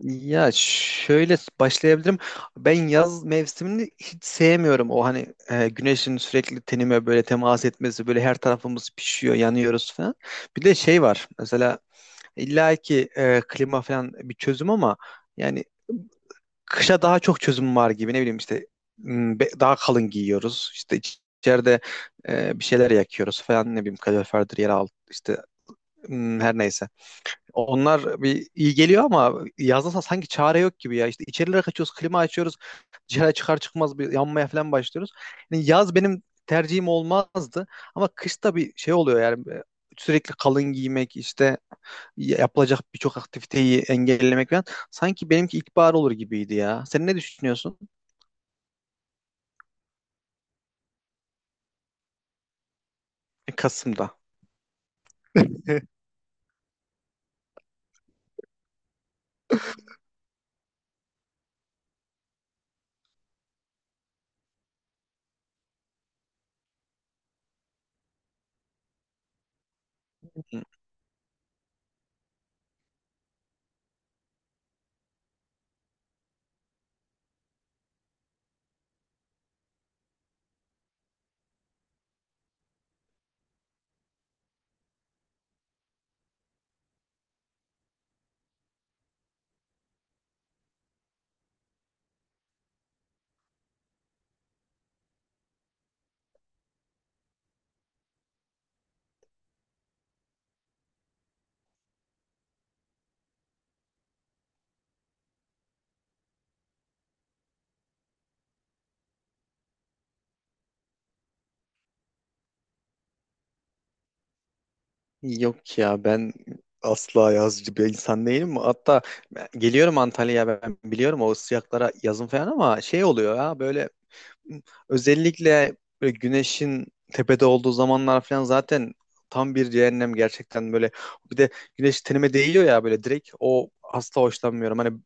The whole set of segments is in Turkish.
Ya şöyle başlayabilirim. Ben yaz mevsimini hiç sevmiyorum. O hani güneşin sürekli tenime böyle temas etmesi, böyle her tarafımız pişiyor, yanıyoruz falan. Bir de şey var. Mesela illa ki klima falan bir çözüm ama yani kışa daha çok çözüm var gibi. Ne bileyim işte daha kalın giyiyoruz. İşte içeride bir şeyler yakıyoruz falan. Ne bileyim kaloriferdir, yer altı işte her neyse. Onlar bir iyi geliyor ama yazda sanki çare yok gibi ya. İşte içerilere kaçıyoruz, klima açıyoruz. Dışarı çıkar çıkmaz bir yanmaya falan başlıyoruz. Yani yaz benim tercihim olmazdı ama kışta bir şey oluyor yani. Sürekli kalın giymek işte yapılacak birçok aktiviteyi engellemek falan. Sanki benimki ilkbahar olur gibiydi ya. Sen ne düşünüyorsun? Kasım'da. Yok ya ben asla yazcı bir insan değilim. Hatta geliyorum Antalya'ya, ben biliyorum o sıcaklara yazın falan ama şey oluyor ya böyle özellikle böyle güneşin tepede olduğu zamanlar falan zaten tam bir cehennem gerçekten böyle. Bir de güneş tenime değiyor ya böyle direkt, o asla hoşlanmıyorum. Hani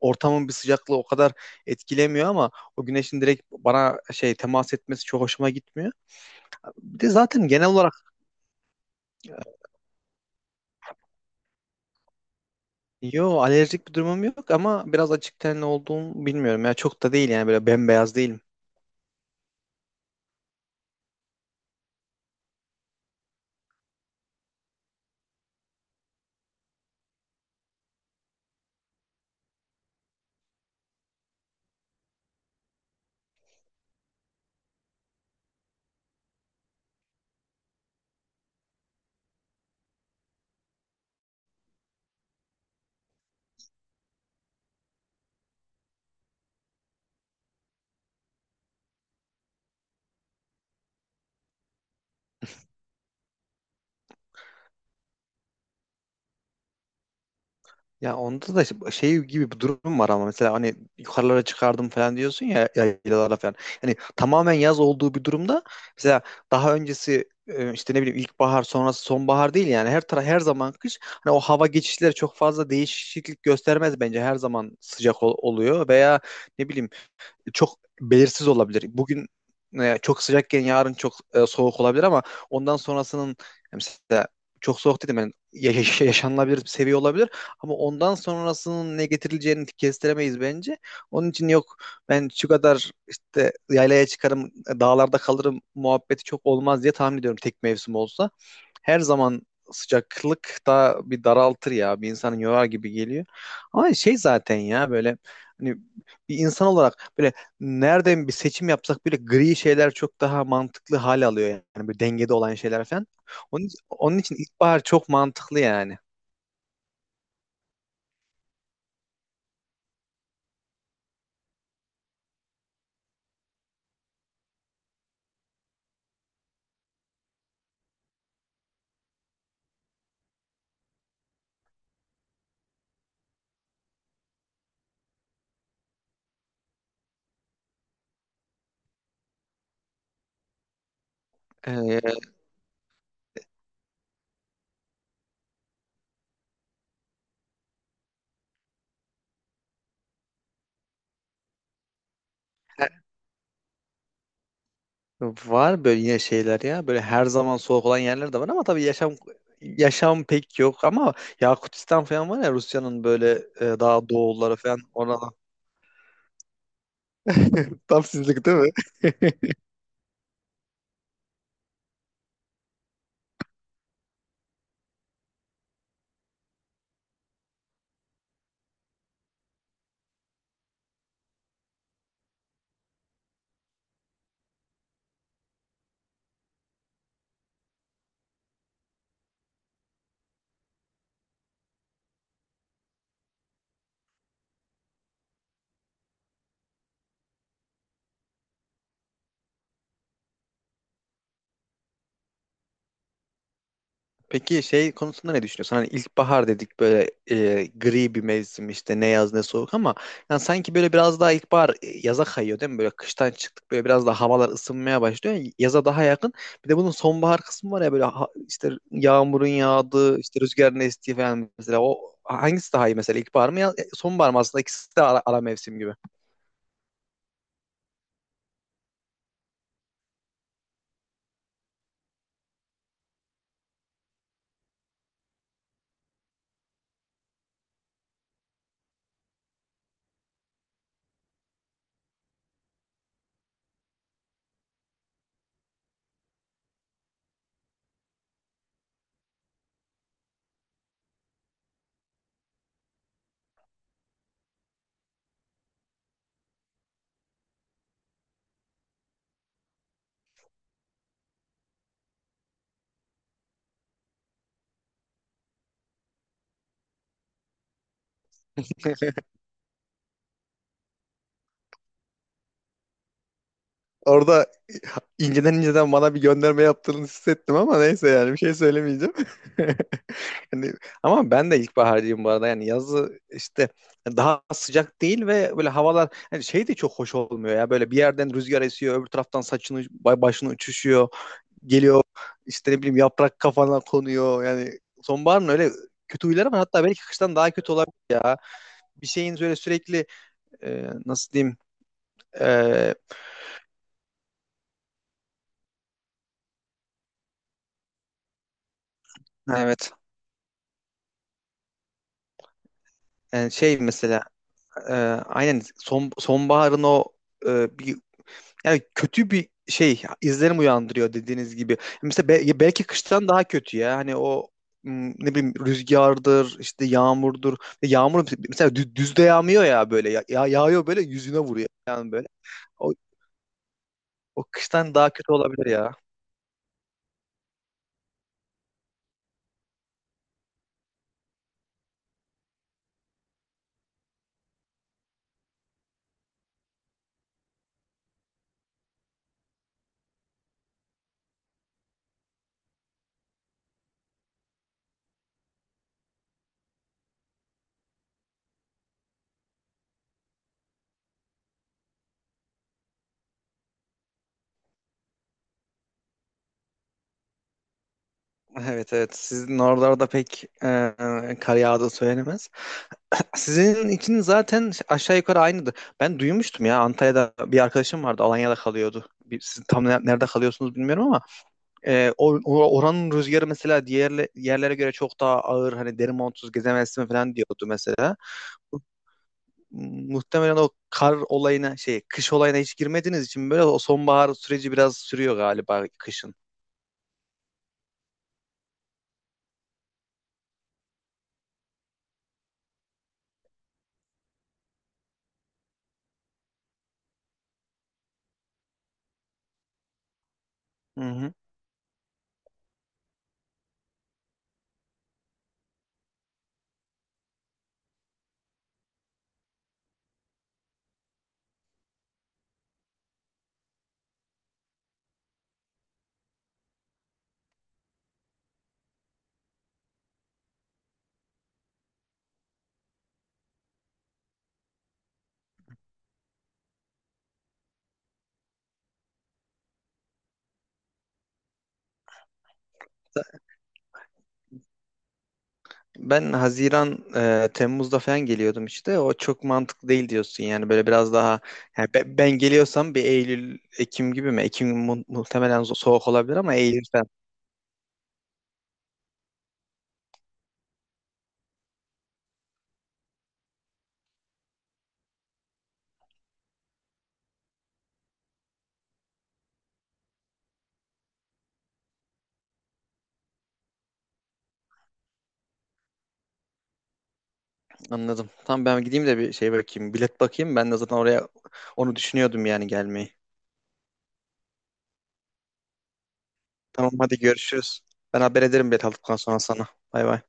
ortamın bir sıcaklığı o kadar etkilemiyor ama o güneşin direkt bana şey temas etmesi çok hoşuma gitmiyor. Bir de zaten genel olarak yo, alerjik bir durumum yok ama biraz açık tenli olduğum bilmiyorum. Ya çok da değil yani, böyle bembeyaz değilim. Ya onda da işte şey gibi bir durum var ama mesela hani yukarılara çıkardım falan diyorsun ya, yaylalara falan. Hani tamamen yaz olduğu bir durumda mesela daha öncesi işte ne bileyim ilkbahar sonrası sonbahar değil yani, her taraf her zaman kış. Hani o hava geçişleri çok fazla değişiklik göstermez bence, her zaman sıcak oluyor veya ne bileyim çok belirsiz olabilir. Bugün çok sıcakken yarın çok soğuk olabilir ama ondan sonrasının mesela çok soğuk dedim yani yaşanılabilir bir seviye olabilir ama ondan sonrasının ne getirileceğini kestiremeyiz bence. Onun için yok, ben şu kadar işte yaylaya çıkarım, dağlarda kalırım muhabbeti çok olmaz diye tahmin ediyorum tek mevsim olsa. Her zaman sıcaklık da bir daraltır ya. Bir insanı yorar gibi geliyor. Ama şey zaten ya böyle hani bir insan olarak böyle nereden bir seçim yapsak bile gri şeyler çok daha mantıklı hal alıyor yani, bir dengede olan şeyler falan. Onun için ilkbahar çok mantıklı yani. Ee, he- Var böyle yine şeyler ya, böyle her zaman soğuk olan yerler de var ama tabii yaşam pek yok ama Yakutistan falan var ya, Rusya'nın böyle daha doğulları falan orada. Tam sizlik değil mi? Peki şey konusunda ne düşünüyorsun? Hani ilkbahar dedik böyle, gri bir mevsim işte, ne yaz ne soğuk ama yani sanki böyle biraz daha ilkbahar yaza kayıyor değil mi? Böyle kıştan çıktık, böyle biraz daha havalar ısınmaya başlıyor. Yaza daha yakın. Bir de bunun sonbahar kısmı var ya, böyle işte yağmurun yağdığı, işte rüzgarın estiği falan, mesela o hangisi daha iyi, mesela ilkbahar mı sonbahar mı? Aslında ikisi de ara mevsim gibi. Orada inceden inceden bana bir gönderme yaptığını hissettim ama neyse, yani bir şey söylemeyeceğim. Hani, ama ben de ilkbaharcıyım bu arada. Yani yazı işte daha sıcak değil ve böyle havalar hani şey de çok hoş olmuyor ya. Böyle bir yerden rüzgar esiyor, öbür taraftan saçını başını uçuşuyor. Geliyor işte ne bileyim yaprak kafana konuyor. Yani sonbaharın öyle kötü huyları var. Hatta belki kıştan daha kötü olabilir ya. Bir şeyin böyle sürekli nasıl diyeyim e, evet, yani şey mesela e, aynen sonbaharın o bir, yani kötü bir şey izlenim uyandırıyor dediğiniz gibi. Mesela belki kıştan daha kötü ya. Hani o ne bileyim rüzgardır, işte yağmurdur. Yağmur mesela düzde yağmıyor ya böyle. Yağıyor böyle yüzüne vuruyor yani böyle. O, o kıştan daha kötü olabilir ya. Evet evet, sizin oralarda pek kar yağdığı söylenemez. Sizin için zaten aşağı yukarı aynıdır. Ben duymuştum ya, Antalya'da bir arkadaşım vardı, Alanya'da kalıyordu. Bir, siz tam nerede kalıyorsunuz bilmiyorum ama oranın rüzgarı mesela diğer yerlere göre çok daha ağır, hani deri montsuz gezemezsin falan diyordu mesela. Muhtemelen o kar olayına şey, kış olayına hiç girmediğiniz için böyle o sonbahar süreci biraz sürüyor galiba kışın. Hı hı. Ben Haziran, Temmuz'da falan geliyordum işte. O çok mantıklı değil diyorsun yani, böyle biraz daha yani geliyorsam bir Eylül, Ekim gibi mi? Ekim muhtemelen soğuk olabilir ama Eylül falan, anladım. Tamam, ben gideyim de bir şey bakayım, bilet bakayım. Ben de zaten oraya onu düşünüyordum yani, gelmeyi. Tamam hadi, görüşürüz. Ben haber ederim bilet aldıktan sonra sana. Bay bay.